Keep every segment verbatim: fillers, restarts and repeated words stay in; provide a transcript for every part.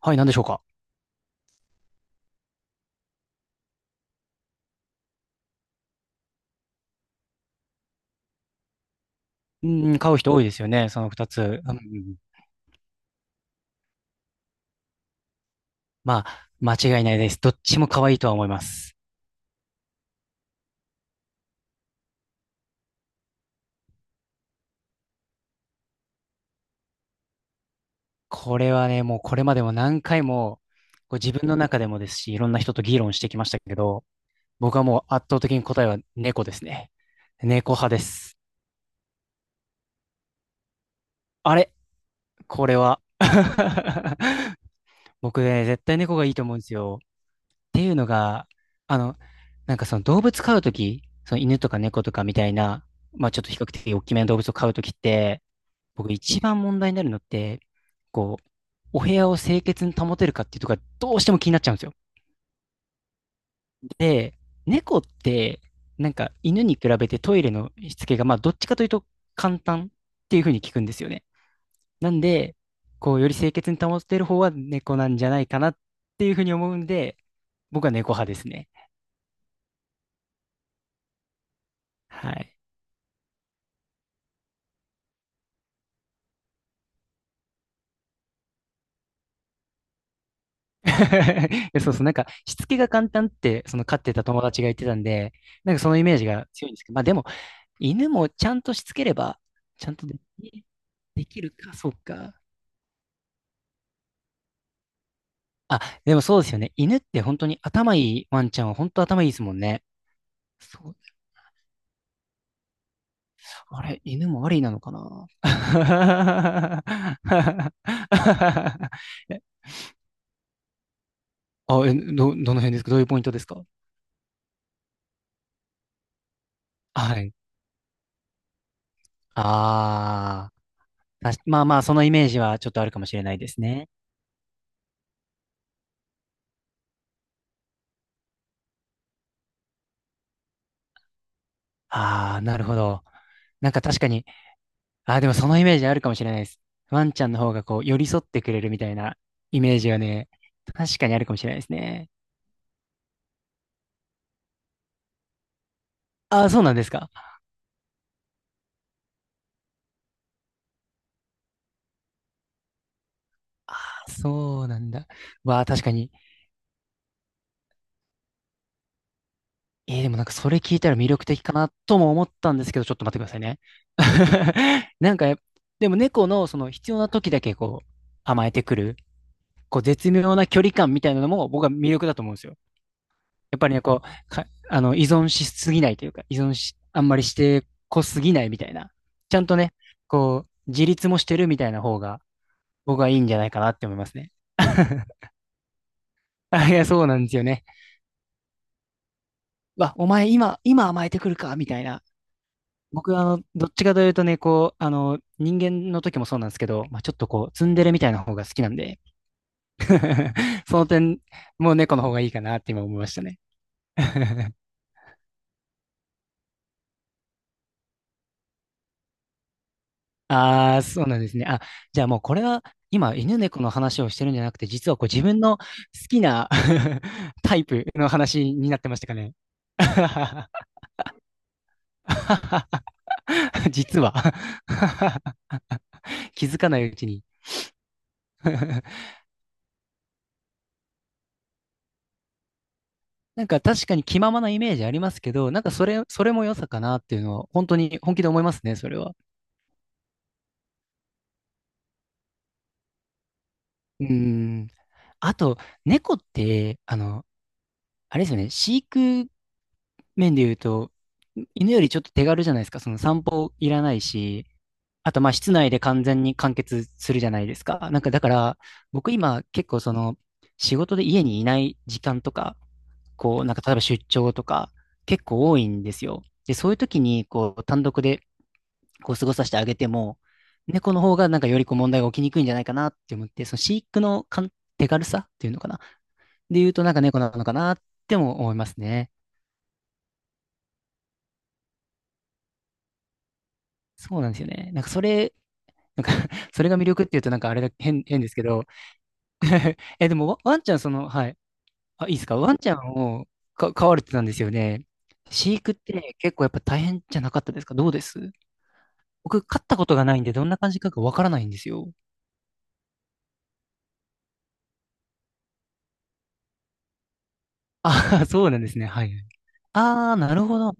はい、何でしょうか。うん、買う人多いですよね、その二つ。うん、まあ、間違いないです。どっちも可愛いとは思います。これはね、もうこれまでも何回も、こう自分の中でもですし、いろんな人と議論してきましたけど、僕はもう圧倒的に答えは猫ですね。猫派です。あれ、これは 僕ね、絶対猫がいいと思うんですよ。っていうのが、あの、なんかその動物飼うとき、その犬とか猫とかみたいな、まあちょっと比較的大きめの動物を飼うときって、僕一番問題になるのって、こう、お部屋を清潔に保てるかっていうとこがどうしても気になっちゃうんですよ。で、猫って、なんか犬に比べてトイレのしつけが、まあどっちかというと簡単っていうふうに聞くんですよね。なんで、こう、より清潔に保てる方は猫なんじゃないかなっていうふうに思うんで、僕は猫派ですね。はい。そうそう、なんか、しつけが簡単って、その飼ってた友達が言ってたんで、なんかそのイメージが強いんですけど、まあでも、犬もちゃんとしつければ、ちゃんとできできるか、そうか。あ、でもそうですよね。犬って本当に頭いいワンちゃんは本当頭いいですもんね。そう。あれ、犬もありなのかな。 あ、え、ど、どの辺ですか？どういうポイントですか？はい。ああ、確、まあまあ、そのイメージはちょっとあるかもしれないですね。ああ、なるほど。なんか確かに、あ、でもそのイメージあるかもしれないです。ワンちゃんの方がこう、寄り添ってくれるみたいなイメージはね、確かにあるかもしれないですね。あ、そうなんですか。あ、そうなんだ。わあ、確かに。えー、でもなんかそれ聞いたら魅力的かなとも思ったんですけど、ちょっと待ってくださいね。なんかや、でも猫のその必要な時だけこう、甘えてくる、こう、絶妙な距離感みたいなのも僕は魅力だと思うんですよ。やっぱりね、こう、か、あの、依存しすぎないというか、依存し、あんまりしてこすぎないみたいな。ちゃんとね、こう、自立もしてるみたいな方が、僕はいいんじゃないかなって思いますね。あ、いや、そうなんですよね。わ、お前今、今甘えてくるかみたいな。僕は、あの、どっちかというとね、こう、あの、人間の時もそうなんですけど、まあ、ちょっとこう、ツンデレみたいな方が好きなんで、その点、もう猫の方がいいかなって今思いましたね。ああ、そうなんですね。あ、じゃあもうこれは今犬猫の話をしてるんじゃなくて、実はこう自分の好きな タイプの話になってましたかね。実は 気づかないうちに なんか確かに気ままなイメージありますけど、なんかそれ、それも良さかなっていうのは本当に本気で思いますね、それは。うーん。あと、猫って、あの、あれですよね、飼育面で言うと、犬よりちょっと手軽じゃないですか。その散歩いらないし、あとまあ室内で完全に完結するじゃないですか。なんかだから、僕今結構その仕事で家にいない時間とか、こうなんか例えば出張とか結構多いんですよ。で、そういう時にこう単独でこう過ごさせてあげても、猫の方がなんかよりこう問題が起きにくいんじゃないかなって思って、その飼育のかん手軽さっていうのかな。で言うとなんか猫なのかなっても思いますね。そうなんですよね。なんかそれなんか それが魅力っていうとなんかあれだ、変、変ですけど。え、でもワ、ワンちゃんその、はい。あ、いいですか。ワンちゃんをか飼われてたんですよね。飼育って結構やっぱ大変じゃなかったですか？どうです？僕、飼ったことがないんで、どんな感じかがわからないんですよ。あ、 そうなんですね。はい。あー、なるほど。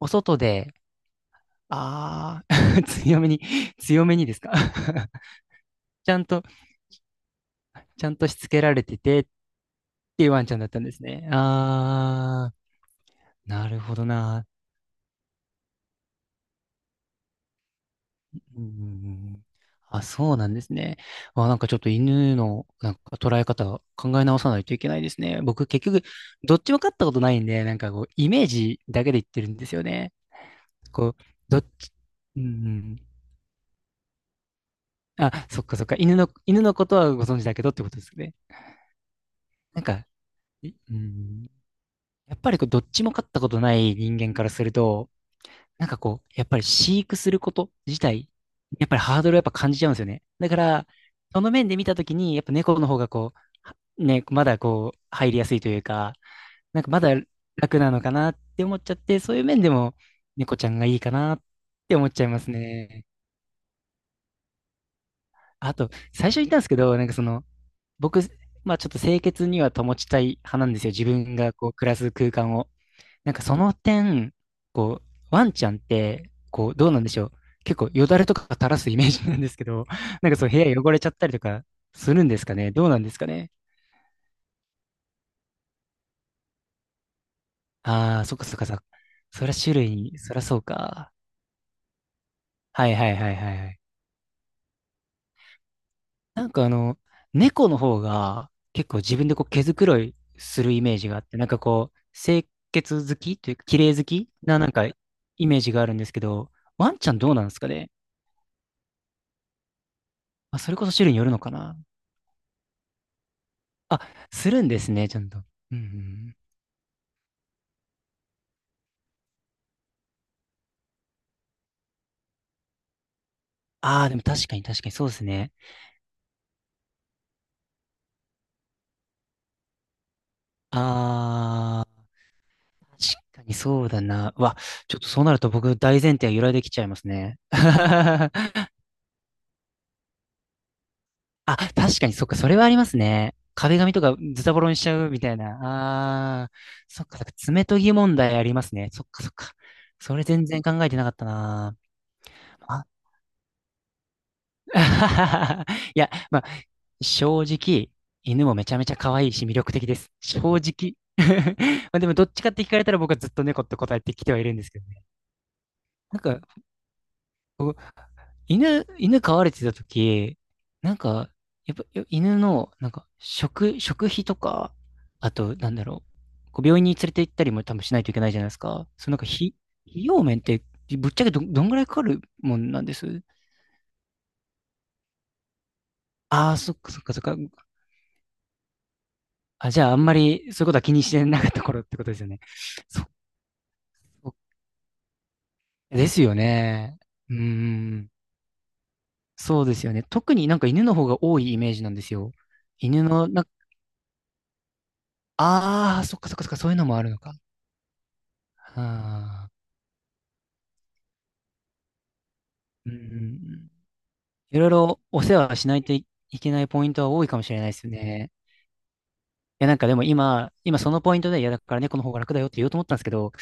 お外で、あー 強めに、強めにですか？ ちゃんと、ちゃんとしつけられててっていうワンちゃんだったんですね。ああ、なるほどな。うんうんうんうん。あ、そうなんですね。あ、なんかちょっと犬のなんか捉え方考え直さないといけないですね。僕結局どっちも飼ったことないんで、なんかこうイメージだけで言ってるんですよね。こう、どっち、うんうん。あ、そっかそっか。犬の、犬のことはご存知だけどってことですね。なんか、いうん、やっぱりこうどっちも飼ったことない人間からすると、なんかこう、やっぱり飼育すること自体、やっぱりハードルをやっぱ感じちゃうんですよね。だから、その面で見たときに、やっぱ猫の方がこう、ね、まだこう、入りやすいというか、なんかまだ楽なのかなって思っちゃって、そういう面でも猫ちゃんがいいかなって思っちゃいますね。あと、最初言ったんですけど、なんかその、僕、まあちょっと清潔には保ちたい派なんですよ。自分がこう、暮らす空間を。なんかその点、こう、ワンちゃんって、こう、どうなんでしょう。結構よだれとか垂らすイメージなんですけど、なんかそう部屋汚れちゃったりとかするんですかね。どうなんですかね。ああ、そっかそっかそっか。そりゃ種類に、そりゃそうか。はいはいはいはいはい。なんかあの、猫の方が結構自分でこう毛づくろいするイメージがあって、なんかこう、清潔好きというか、綺麗好きななんかイメージがあるんですけど、ワンちゃんどうなんですかね。まあ、それこそ種類によるのかな。あ、するんですね、ちゃんと。うんうん。ああ、でも確かに確かにそうですね。ああ、確かにそうだな。うわ、ちょっとそうなると僕大前提が揺らいできちゃいますね。あ、確かにそっか、それはありますね。壁紙とかズタボロにしちゃうみたいな。ああ、そっか、そっか、爪研ぎ問題ありますね。そっかそっか。それ全然考えてなかったな。いや、まあ、正直、犬もめちゃめちゃ可愛いし魅力的です。正直。まあでも、どっちかって聞かれたら僕はずっと猫って答えてきてはいるんですけどね。なんか、僕犬、犬飼われてた時、なんか、やっぱよ犬の、なんか、食、食費とか、あと、なんだろう、こう病院に連れて行ったりも多分しないといけないじゃないですか。そのなんか、費、費用面って、ぶっちゃけど、どんぐらいかかるもんなんです？ああー、そっかそっかそっか。あ、じゃあ、あんまりそういうことは気にしてなかった頃ってことですよね。そ、ですよね。うーん。そうですよね。特になんか犬の方が多いイメージなんですよ。犬の、な、ああ、そっかそっかそっか、そういうのもあるのか。ああ、うんうんうん。いろいろお世話しないといいけないポイントは多いかもしれないですよね。や、なんかでも今、今そのポイントで、いや、だから猫の方が楽だよって言おうと思ったんですけど、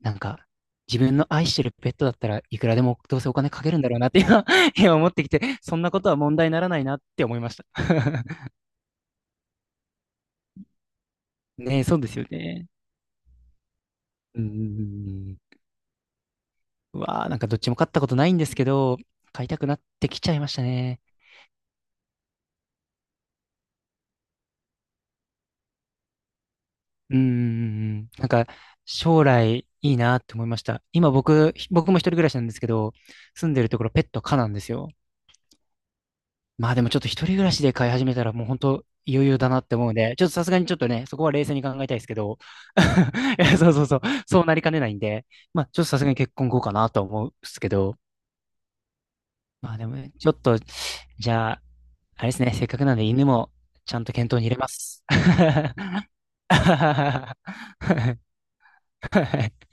なんか、自分の愛してるペットだったらいくらでもどうせお金かけるんだろうなって今、今思ってきて、そんなことは問題にならないなって思いました。ねえ、そうですよね。うんうんうんうん。わあ、なんかどっちも飼ったことないんですけど、飼いたくなってきちゃいましたね。うんうんうん。なんか、将来いいなって思いました。今僕、僕も一人暮らしなんですけど、住んでるところペット可なんですよ。まあでもちょっと一人暮らしで飼い始めたらもう本当いよいよだなって思うんで、ちょっとさすがにちょっとね、そこは冷静に考えたいですけど、いやそうそうそう、そうなりかねないんで、まあちょっとさすがに結婚後かなと思うんですけど、まあでもね、ちょっと、じゃあ、あれですね、せっかくなんで犬もちゃんと検討に入れます。はい